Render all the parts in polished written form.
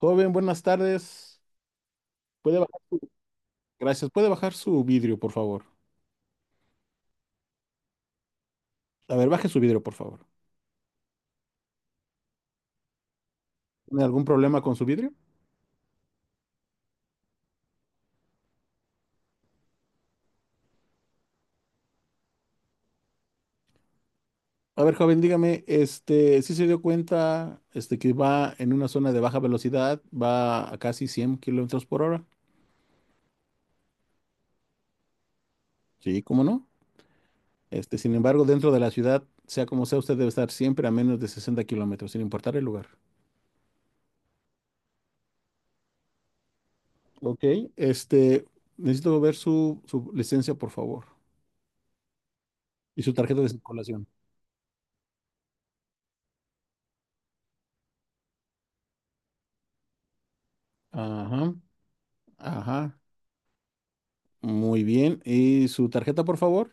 Joven, buenas tardes. Puede bajar, gracias. ¿Puede bajar su vidrio, por favor? A ver, baje su vidrio, por favor. ¿Tiene algún problema con su vidrio? A ver, joven, dígame, si se dio cuenta, que va en una zona de baja velocidad, ¿va a casi 100 kilómetros por hora? Sí, ¿cómo no? Sin embargo, dentro de la ciudad, sea como sea, usted debe estar siempre a menos de 60 kilómetros, sin importar el lugar. Ok, este, necesito ver su licencia, por favor, y su tarjeta de circulación. Ajá, ajá. Muy bien. ¿Y su tarjeta, por favor?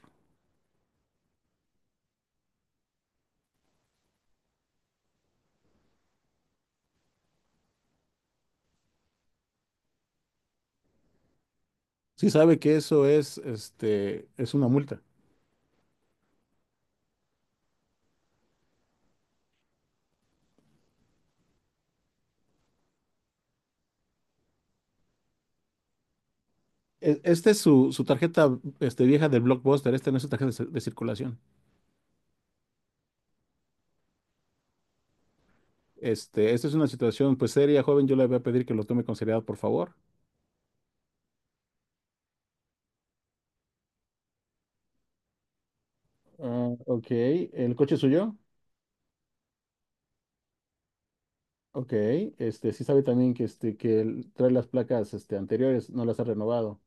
Si sabe que eso es, es una multa. Esta es su tarjeta, vieja del Blockbuster. Esta no es su tarjeta de, de circulación. Esta es una situación, pues, seria, joven. Yo le voy a pedir que lo tome con seriedad, por favor. Ah, ok. ¿El coche es suyo? Ok. Sí sabe también que, que él trae las placas, anteriores, no las ha renovado.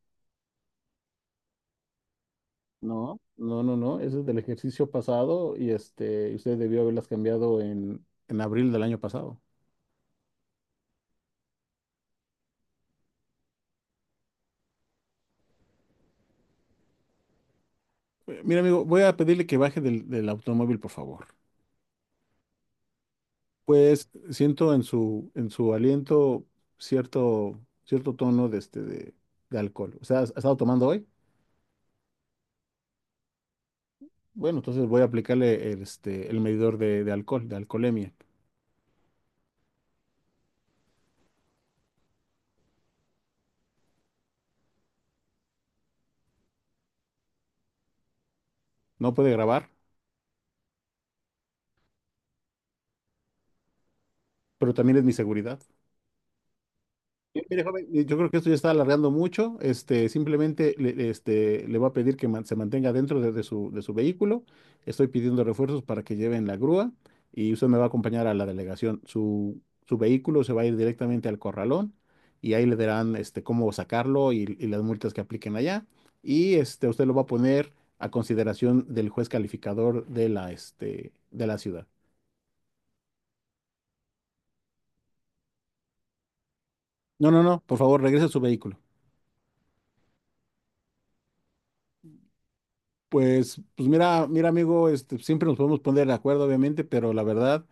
No, no, no, no. Eso es del ejercicio pasado y, usted debió haberlas cambiado en abril del año pasado. Mira, amigo, voy a pedirle que baje del automóvil, por favor. Pues siento en su aliento cierto tono de, de alcohol. O sea, has estado tomando hoy? Bueno, entonces voy a aplicarle el medidor de alcohol, de alcoholemia. No puede grabar, pero también es mi seguridad. Bien, mire, joven, yo creo que esto ya está alargando mucho. Simplemente le voy a pedir que se mantenga dentro de, de su vehículo. Estoy pidiendo refuerzos para que lleven la grúa y usted me va a acompañar a la delegación. Su vehículo se va a ir directamente al corralón y ahí le darán este, cómo sacarlo y las multas que apliquen allá. Y este, usted lo va a poner a consideración del juez calificador de la, de la ciudad. No, no, no, por favor, regrese a su vehículo. Pues mira, mira, amigo, siempre nos podemos poner de acuerdo, obviamente, pero la verdad,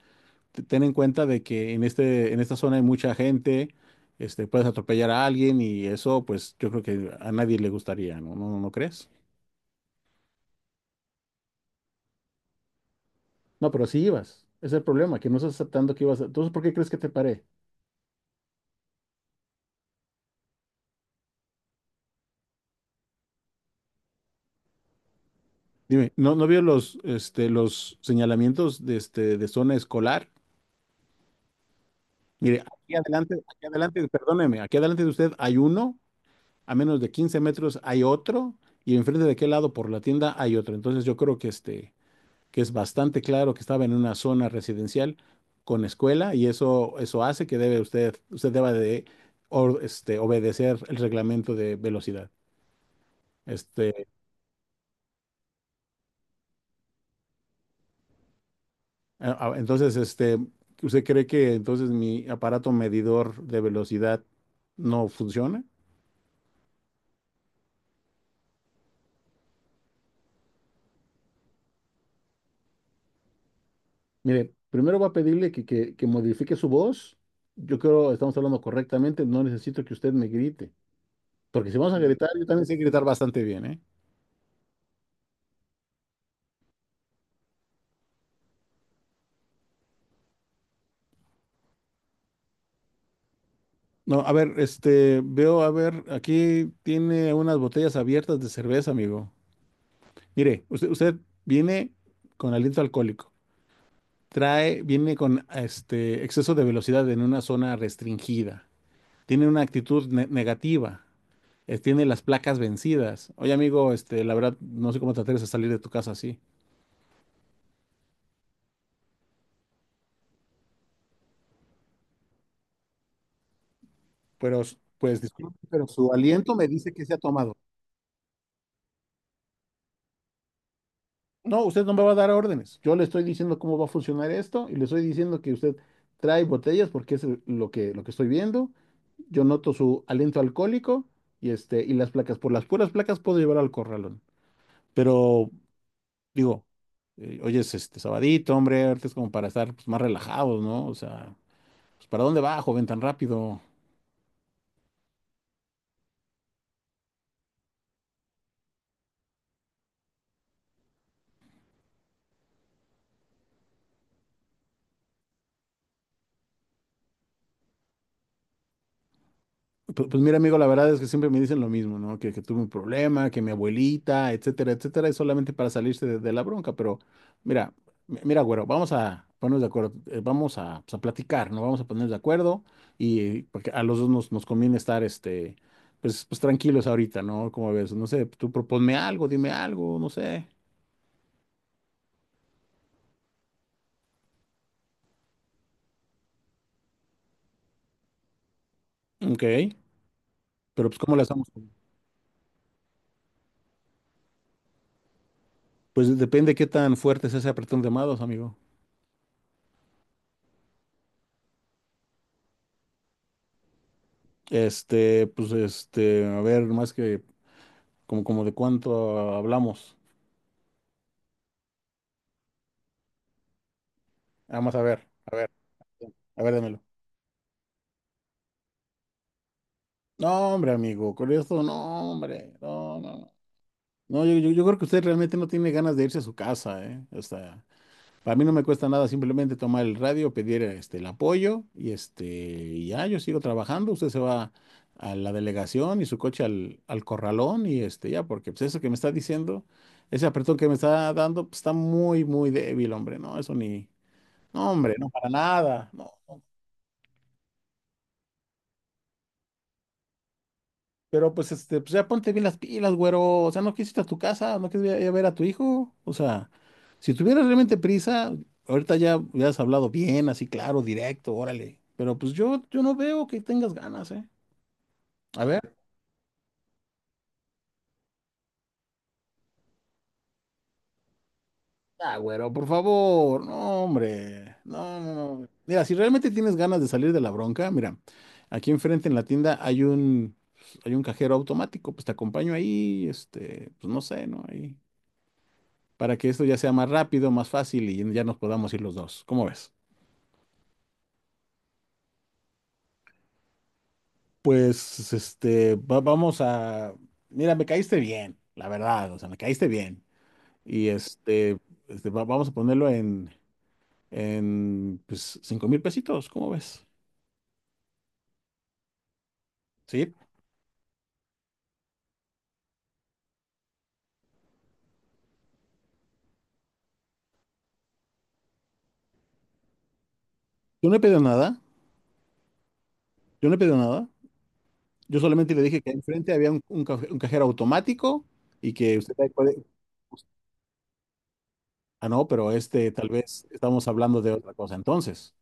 ten en cuenta de que en en esta zona hay mucha gente, puedes atropellar a alguien y eso, pues, yo creo que a nadie le gustaría, ¿no? ¿No, no crees? No, pero sí ibas. Ese es el problema, que no estás aceptando que ibas a... Entonces, ¿por qué crees que te paré? Dime, ¿no, no vio los, los señalamientos de, de zona escolar? Mire, perdóneme, aquí adelante de usted hay uno a menos de 15 metros, hay otro, y enfrente de aquel lado por la tienda hay otro. Entonces yo creo que que es bastante claro que estaba en una zona residencial con escuela y eso hace que debe usted deba de obedecer el reglamento de velocidad. Este, entonces, ¿usted cree que entonces mi aparato medidor de velocidad no funciona? Mire, primero va a pedirle que modifique su voz. Yo creo que estamos hablando correctamente. No necesito que usted me grite. Porque si vamos a gritar, yo también sé gritar bastante bien, ¿eh? No, a ver, veo, a ver, aquí tiene unas botellas abiertas de cerveza, amigo. Mire, usted viene con aliento alcohólico. Trae, viene con este exceso de velocidad en una zona restringida. Tiene una actitud negativa. Tiene las placas vencidas. Oye, amigo, la verdad, no sé cómo te atreves a salir de tu casa así. Pero, pues, disculpe, pero su aliento me dice que se ha tomado. No, usted no me va a dar órdenes. Yo le estoy diciendo cómo va a funcionar esto y le estoy diciendo que usted trae botellas porque es lo que estoy viendo. Yo noto su aliento alcohólico y, y las placas. Por las puras placas puedo llevar al corralón. Pero digo, oye, es este sabadito, hombre, ahorita es como para estar, pues, más relajados, ¿no? O sea, pues, ¿para dónde va, joven, tan rápido? Pues, mira, amigo, la verdad es que siempre me dicen lo mismo, ¿no? Que tuve un problema, que mi abuelita, etcétera, etcétera, es solamente para salirse de la bronca, pero mira, mira, güero, vamos a ponernos de acuerdo, vamos a, pues, a platicar, ¿no? Vamos a ponernos de acuerdo y porque a los dos nos conviene estar, pues, pues tranquilos ahorita, ¿no? Como ves, no sé, tú proponme algo, dime algo, no sé. Ok, pero pues, ¿cómo la estamos? Pues depende qué tan fuerte es ese apretón de mados, amigo. A ver, más que como, como de cuánto hablamos. Vamos a ver, a ver, dámelo. No, hombre, amigo, con esto, no, hombre, no, no, no. No, yo creo que usted realmente no tiene ganas de irse a su casa, ¿eh? O sea, para mí no me cuesta nada simplemente tomar el radio, pedir este, el apoyo y este, y ya, yo sigo trabajando, usted se va a la delegación y su coche al corralón y este, ya, porque pues eso que me está diciendo, ese apretón que me está dando, pues, está muy, muy débil, hombre, no, eso ni, no, hombre, no, para nada, no. Pero pues, pues ya ponte bien las pilas, güero. O sea, no quisiste a tu casa, no quisiste ir a ver a tu hijo. O sea, si tuvieras realmente prisa, ahorita ya hubieras hablado bien, así claro, directo, órale. Pero pues yo no veo que tengas ganas, ¿eh? A ver. Ah, güero, por favor. No, hombre. No, no, no. Mira, si realmente tienes ganas de salir de la bronca, mira, aquí enfrente en la tienda hay un cajero automático. Pues te acompaño ahí, este, pues no sé, ¿no? Ahí, para que esto ya sea más rápido, más fácil y ya nos podamos ir los dos. ¿Cómo ves? Vamos a... Mira, me caíste bien, la verdad, o sea, me caíste bien. Y vamos a ponerlo en, pues, 5000 pesitos, ¿cómo ves? Sí. Yo no he pedido nada, yo no he pedido nada. Yo solamente le dije que enfrente había un un cajero automático y que usted ahí puede... Ah, no, pero este, tal vez estamos hablando de otra cosa entonces.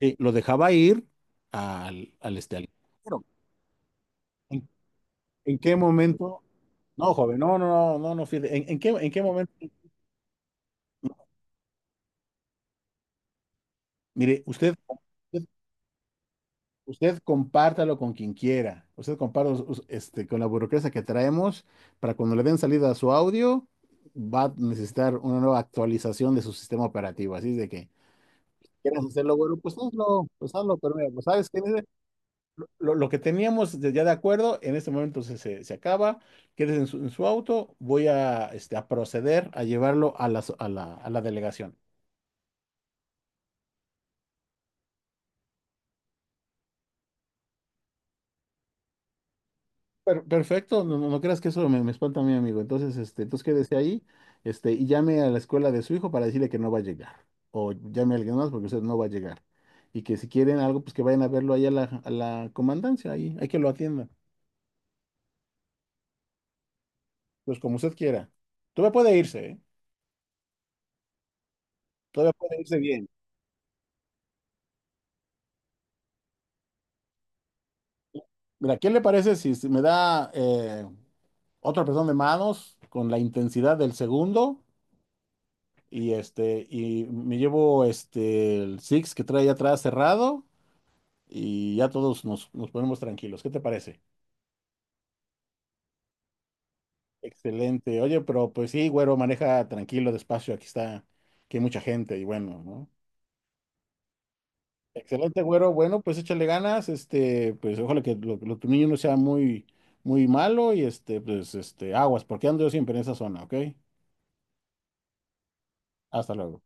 Lo dejaba ir al, al este al- Pero, ¿en, en qué momento? No, joven, no, no, no, no, no, fíjate, ¿en, en qué momento? Mire, usted, usted compártalo con quien quiera. Usted compártalo este, con la burocracia que traemos para cuando le den salida a su audio, va a necesitar una nueva actualización de su sistema operativo. Así es de que, ¿quieres hacerlo, güero? Pues hazlo, pero mira, pues sabes que lo que teníamos ya de acuerdo, en este momento se acaba, quedes en su auto, voy a, a proceder a llevarlo a la, a la, a la delegación. Perfecto, no, no, no creas que eso me espanta a mi amigo. Entonces, entonces quédese ahí, y llame a la escuela de su hijo para decirle que no va a llegar. O llame a alguien más porque usted no va a llegar. Y que si quieren algo, pues que vayan a verlo ahí a la comandancia, ahí, hay que lo atiendan. Pues como usted quiera. Todavía puede irse, ¿eh? Todavía puede irse bien. Mira, ¿qué le parece si me da otro apretón de manos con la intensidad del segundo? Y este, y me llevo este el Six que trae atrás cerrado y ya todos nos, nos ponemos tranquilos. ¿Qué te parece? Excelente. Oye, pero pues sí, güero, maneja tranquilo, despacio, aquí está, que hay mucha gente y bueno, ¿no? Excelente, güero. Bueno, pues échale ganas, pues ojalá que tu niño no sea muy, muy malo y este, pues este, aguas, porque ando yo siempre en esa zona, ¿ok? Hasta luego.